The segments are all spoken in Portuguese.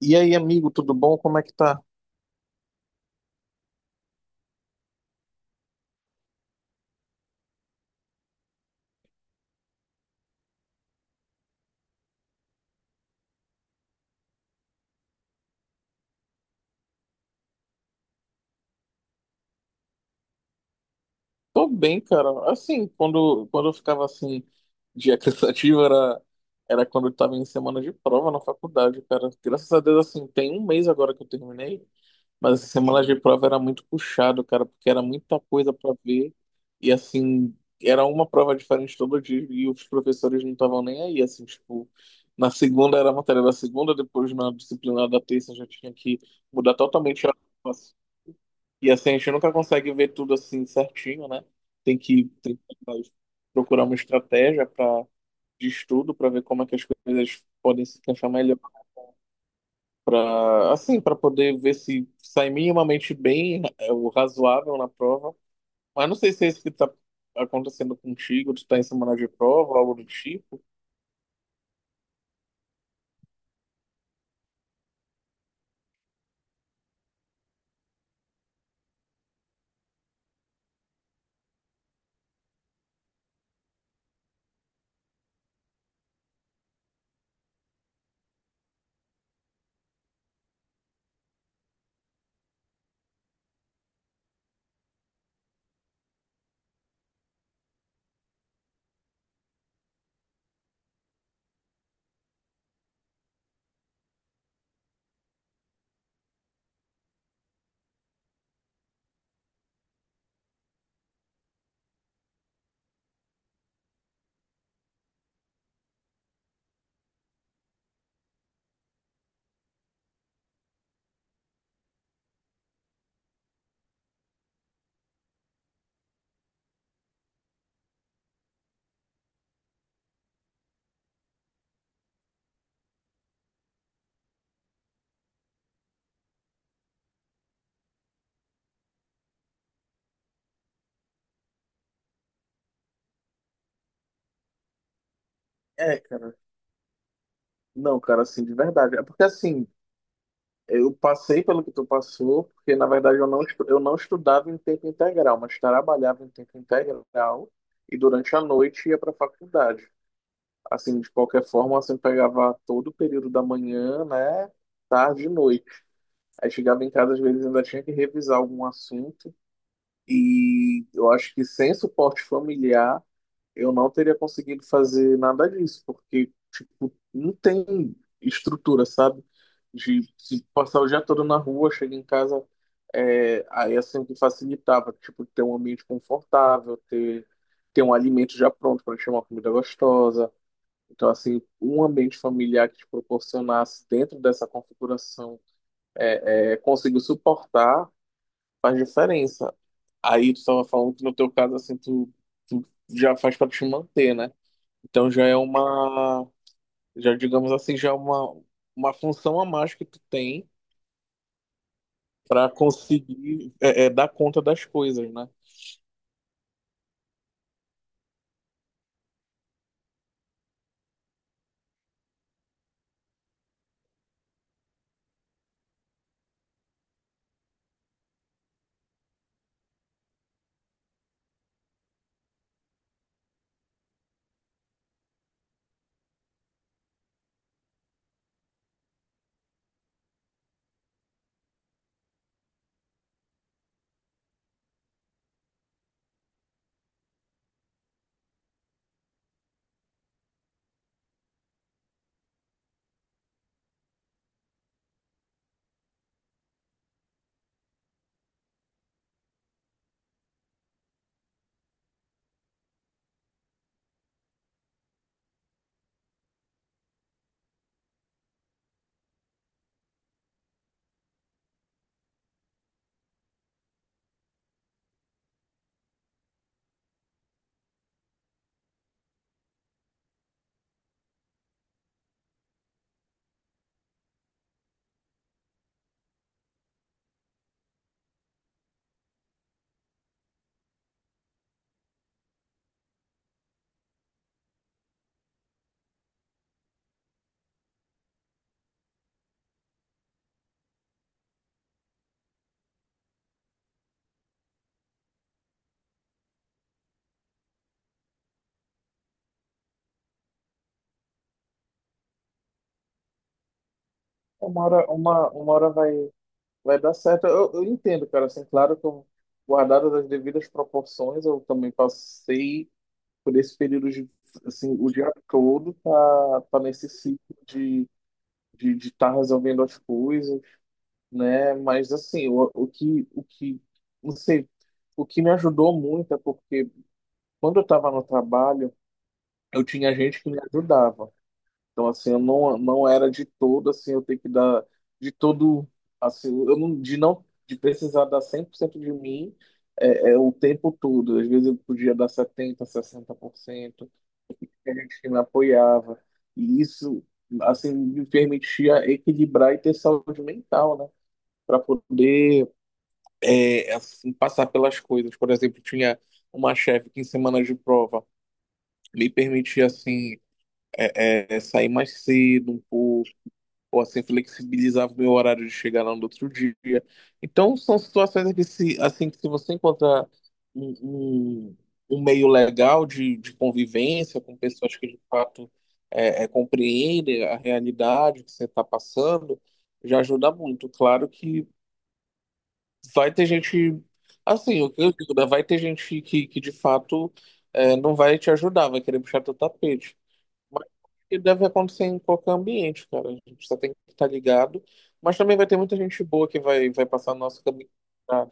E aí, amigo, tudo bom? Como é que tá? Tô bem, cara. Assim, quando eu ficava assim, dia cansativo, era quando eu tava em semana de prova na faculdade, cara. Graças a Deus, assim, tem um mês agora que eu terminei. Mas essa semana de prova era muito puxado, cara, porque era muita coisa para ver. E assim, era uma prova diferente todo dia e os professores não estavam nem aí, assim, tipo, na segunda era a matéria da segunda, depois na disciplina da terça já tinha que mudar totalmente a. E assim, a gente nunca consegue ver tudo assim certinho, né? Tem que procurar uma estratégia de estudo para ver como é que as coisas podem se encaixar melhor para assim, para poder ver se sai minimamente bem, é o razoável na prova. Mas não sei se é isso que tá acontecendo contigo, tu tá em semana de prova, algo do tipo. É, cara. Não, cara, assim, de verdade. É porque assim, eu passei pelo que tu passou, porque na verdade eu não estudava em tempo integral, mas trabalhava em tempo integral e durante a noite ia pra faculdade. Assim, de qualquer forma, assim, pegava todo o período da manhã, né? Tarde e noite. Aí chegava em casa, às vezes ainda tinha que revisar algum assunto. E eu acho que sem suporte familiar, eu não teria conseguido fazer nada disso, porque, tipo, não tem estrutura, sabe? De passar o dia todo na rua, chega em casa, aí assim que facilitava, tipo, ter um ambiente confortável, ter um alimento já pronto para chamar uma comida gostosa. Então, assim, um ambiente familiar que te proporcionasse dentro dessa configuração, conseguiu suportar faz diferença. Aí tu estava falando que no teu caso, assim, tu já faz para te manter, né? Então já é uma, já digamos assim, já é uma função a mais que tu tem para conseguir dar conta das coisas, né? Uma hora, uma hora vai dar certo. Eu entendo, cara, assim, claro que eu, guardadas as devidas proporções, eu também passei por esse período de, assim, o dia todo tá nesse ciclo de de estar resolvendo as coisas, né? Mas assim, o que, não sei, o que me ajudou muito é porque quando eu estava no trabalho, eu tinha gente que me ajudava. Então assim, eu não era de todo assim, eu tenho que dar de todo assim, eu não de precisar dar 100% de mim é o tempo todo. Às vezes eu podia dar 70 60%. Tinha gente que me apoiava. E isso assim me permitia equilibrar e ter saúde mental, né? Para poder assim, passar pelas coisas. Por exemplo, tinha uma chefe que em semana de prova me permitia assim sair mais cedo um pouco, ou assim flexibilizava o meu horário de chegar lá no outro dia. Então são situações que se assim que se você encontrar um, um, um meio legal de convivência com pessoas que de fato compreendem a realidade que você está passando, já ajuda muito. Claro que vai ter gente. Assim, o que eu digo, né? Vai ter gente que de fato não vai te ajudar, vai querer puxar teu tapete. Mas isso deve acontecer em qualquer ambiente, cara. A gente só tem que estar ligado. Mas também vai ter muita gente boa que vai passar no nosso caminho. Tá?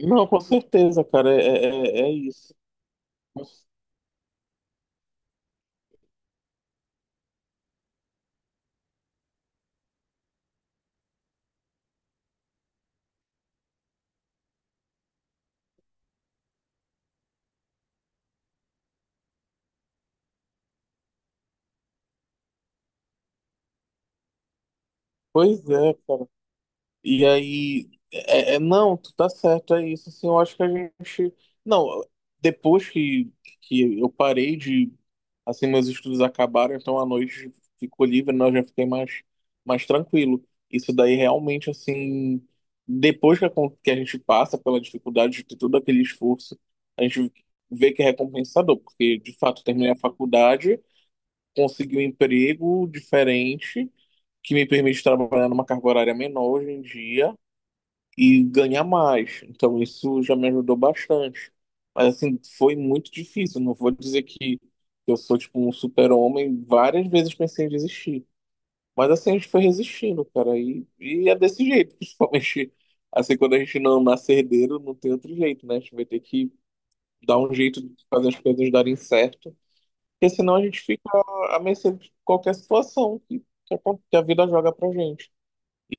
Não, com certeza, cara. É isso. Mas- Pois é, cara. E aí, não, tu tá certo, é isso. Assim, eu acho que a gente. Não, depois que eu parei de. Assim, meus estudos acabaram, então à noite ficou livre, né, eu já fiquei mais tranquilo. Isso daí realmente, assim. Depois que que a gente passa pela dificuldade de ter todo aquele esforço, a gente vê que é recompensador, porque de fato terminei a faculdade, consegui um emprego diferente, que me permite trabalhar numa carga horária menor hoje em dia e ganhar mais. Então isso já me ajudou bastante. Mas assim, foi muito difícil. Não vou dizer que eu sou tipo um super-homem. Várias vezes pensei em desistir. Mas assim, a gente foi resistindo, cara. E é desse jeito, principalmente assim, quando a gente não nasce herdeiro, não tem outro jeito, né? A gente vai ter que dar um jeito de fazer as coisas darem certo. Porque senão a gente fica à mercê de qualquer situação que, que a que a vida joga pra gente.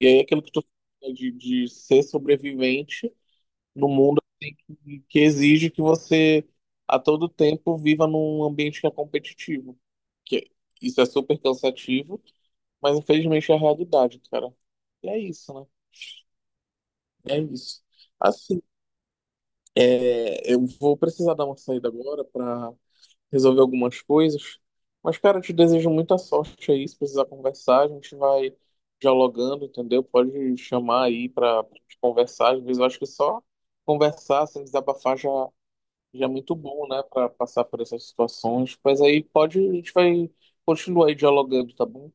E aí aquilo que tu fala de ser sobrevivente no mundo que exige que você a todo tempo viva num ambiente que é competitivo. Que isso é super cansativo, mas infelizmente é a realidade, cara. E é isso, né? É isso. Assim, eu vou precisar dar uma saída agora para resolver algumas coisas. Mas, cara, eu te desejo muita sorte aí. Se precisar conversar, a gente vai dialogando, entendeu? Pode chamar aí para conversar. Às vezes eu acho que só conversar, sem desabafar, já. E é muito bom, né, para passar por essas situações. Mas aí pode, a gente vai continuar aí dialogando, tá bom?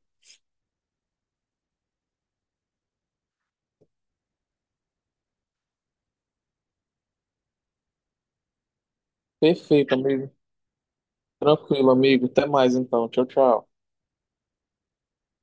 Perfeito, amigo. Tranquilo, amigo. Até mais então. Tchau, tchau.